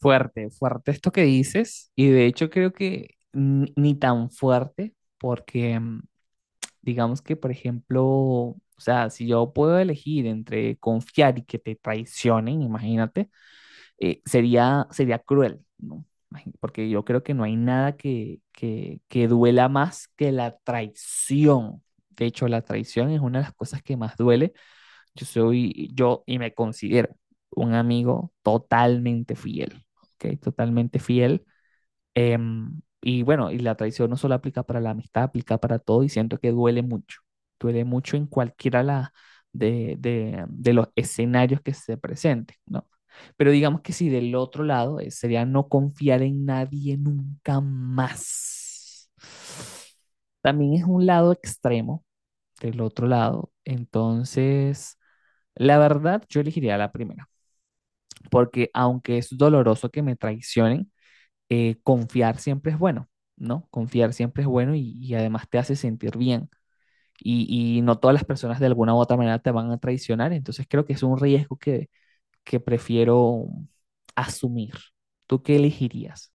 Fuerte, fuerte esto que dices, y de hecho creo que ni tan fuerte, porque digamos que, por ejemplo, o sea, si yo puedo elegir entre confiar y que te traicionen, imagínate, sería cruel, ¿no? Porque yo creo que no hay nada que duela más que la traición. De hecho, la traición es una de las cosas que más duele. Yo soy yo y me considero un amigo totalmente fiel, ¿ok? Totalmente fiel. Y bueno, y la traición no solo aplica para la amistad, aplica para todo y siento que duele mucho. Duele mucho en cualquiera de los escenarios que se presenten, ¿no? Pero digamos que si del otro lado sería no confiar en nadie nunca más. También es un lado extremo del otro lado. Entonces, la verdad, yo elegiría la primera, porque aunque es doloroso que me traicionen, confiar siempre es bueno, ¿no? Confiar siempre es bueno y además te hace sentir bien. Y no todas las personas de alguna u otra manera te van a traicionar, entonces creo que es un riesgo que prefiero asumir. ¿Tú qué elegirías?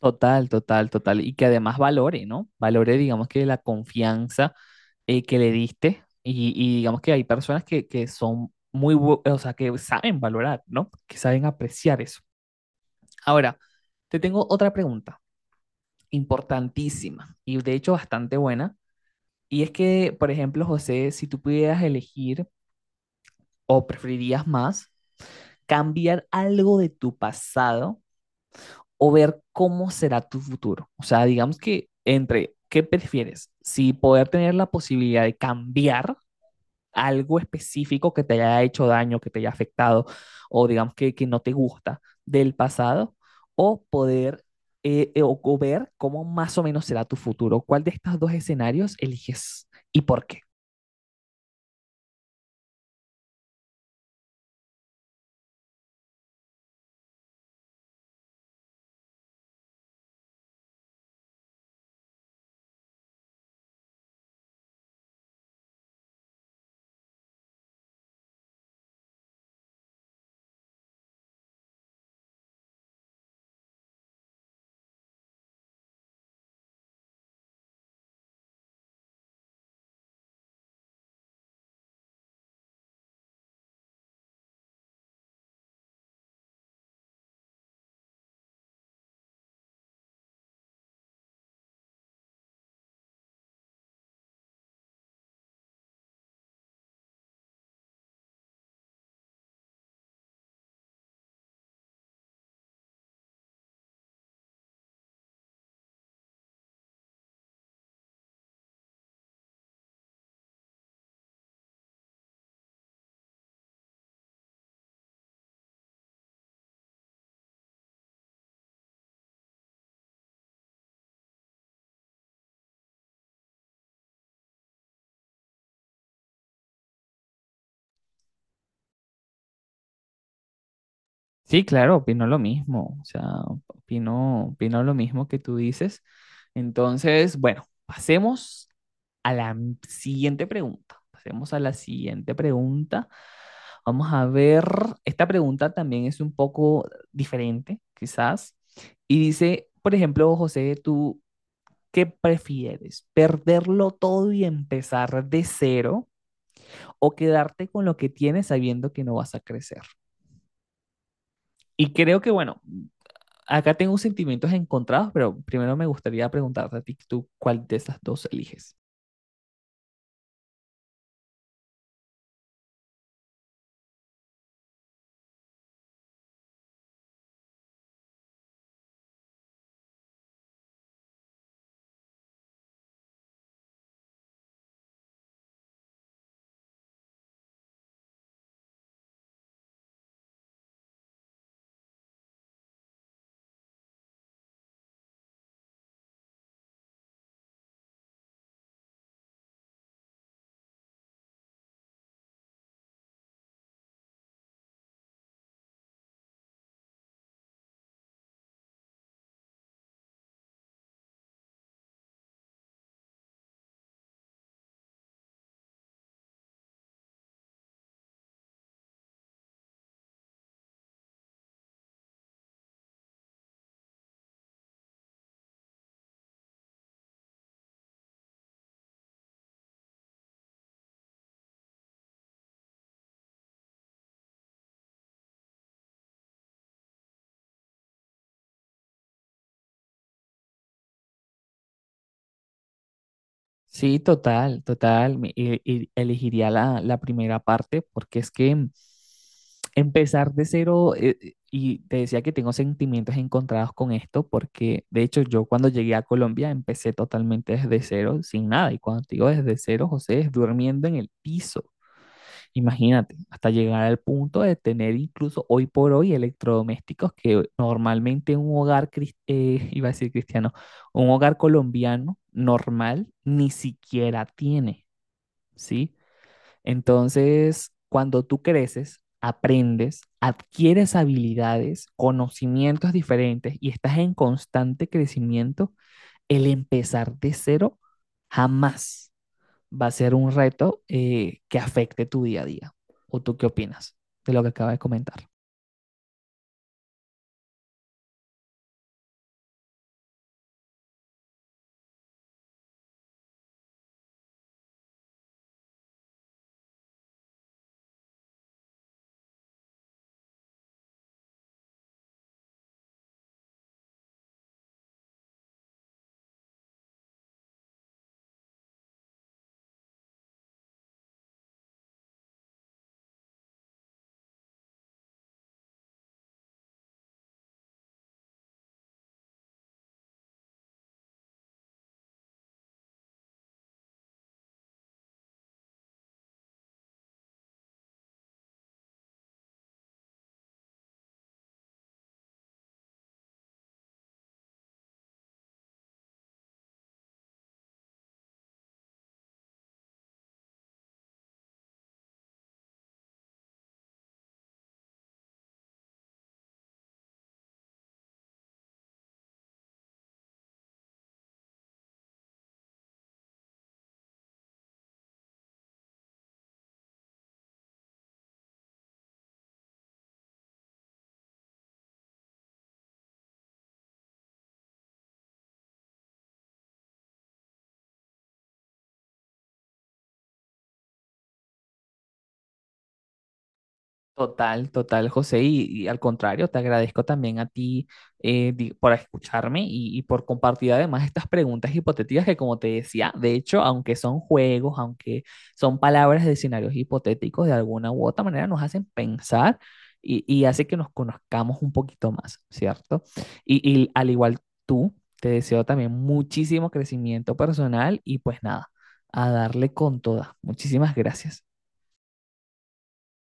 Total, total, total. Y que además valore, ¿no? Valore, digamos que la confianza que le diste y digamos que hay personas que son muy, o sea, que saben valorar, ¿no? Que saben apreciar eso. Ahora, te tengo otra pregunta importantísima y de hecho bastante buena. Y es que, por ejemplo, José, si tú pudieras elegir o preferirías más cambiar algo de tu pasado o ver cómo será tu futuro. O sea, digamos que entre, ¿qué prefieres? Si poder tener la posibilidad de cambiar algo específico que te haya hecho daño, que te haya afectado, o digamos que no te gusta del pasado, o poder o ver cómo más o menos será tu futuro. ¿Cuál de estos dos escenarios eliges y por qué? Sí, claro, opino lo mismo. O sea, opino lo mismo que tú dices. Entonces, bueno, pasemos a la siguiente pregunta. Pasemos a la siguiente pregunta. Vamos a ver, esta pregunta también es un poco diferente, quizás. Y dice, por ejemplo, José, ¿tú qué prefieres? ¿Perderlo todo y empezar de cero o quedarte con lo que tienes sabiendo que no vas a crecer? Y creo que, bueno, acá tengo sentimientos encontrados, pero primero me gustaría preguntarte a ti, ¿tú cuál de esas dos eliges? Sí, total, total. Elegiría la primera parte porque es que empezar de cero, y te decía que tengo sentimientos encontrados con esto porque de hecho yo cuando llegué a Colombia empecé totalmente desde cero, sin nada. Y cuando te digo desde cero, José, es durmiendo en el piso. Imagínate, hasta llegar al punto de tener incluso hoy por hoy electrodomésticos que normalmente un hogar, iba a decir cristiano, un hogar colombiano normal ni siquiera tiene, ¿sí? Entonces, cuando tú creces, aprendes, adquieres habilidades, conocimientos diferentes y estás en constante crecimiento, el empezar de cero jamás va a ser un reto que afecte tu día a día. ¿O tú qué opinas de lo que acaba de comentar? Total, total, José. Y al contrario, te agradezco también a ti por escucharme y por compartir además estas preguntas hipotéticas que, como te decía, de hecho, aunque son juegos, aunque son palabras de escenarios hipotéticos, de alguna u otra manera nos hacen pensar y hace que nos conozcamos un poquito más, ¿cierto? Y al igual tú, te deseo también muchísimo crecimiento personal y pues nada, a darle con todas. Muchísimas gracias.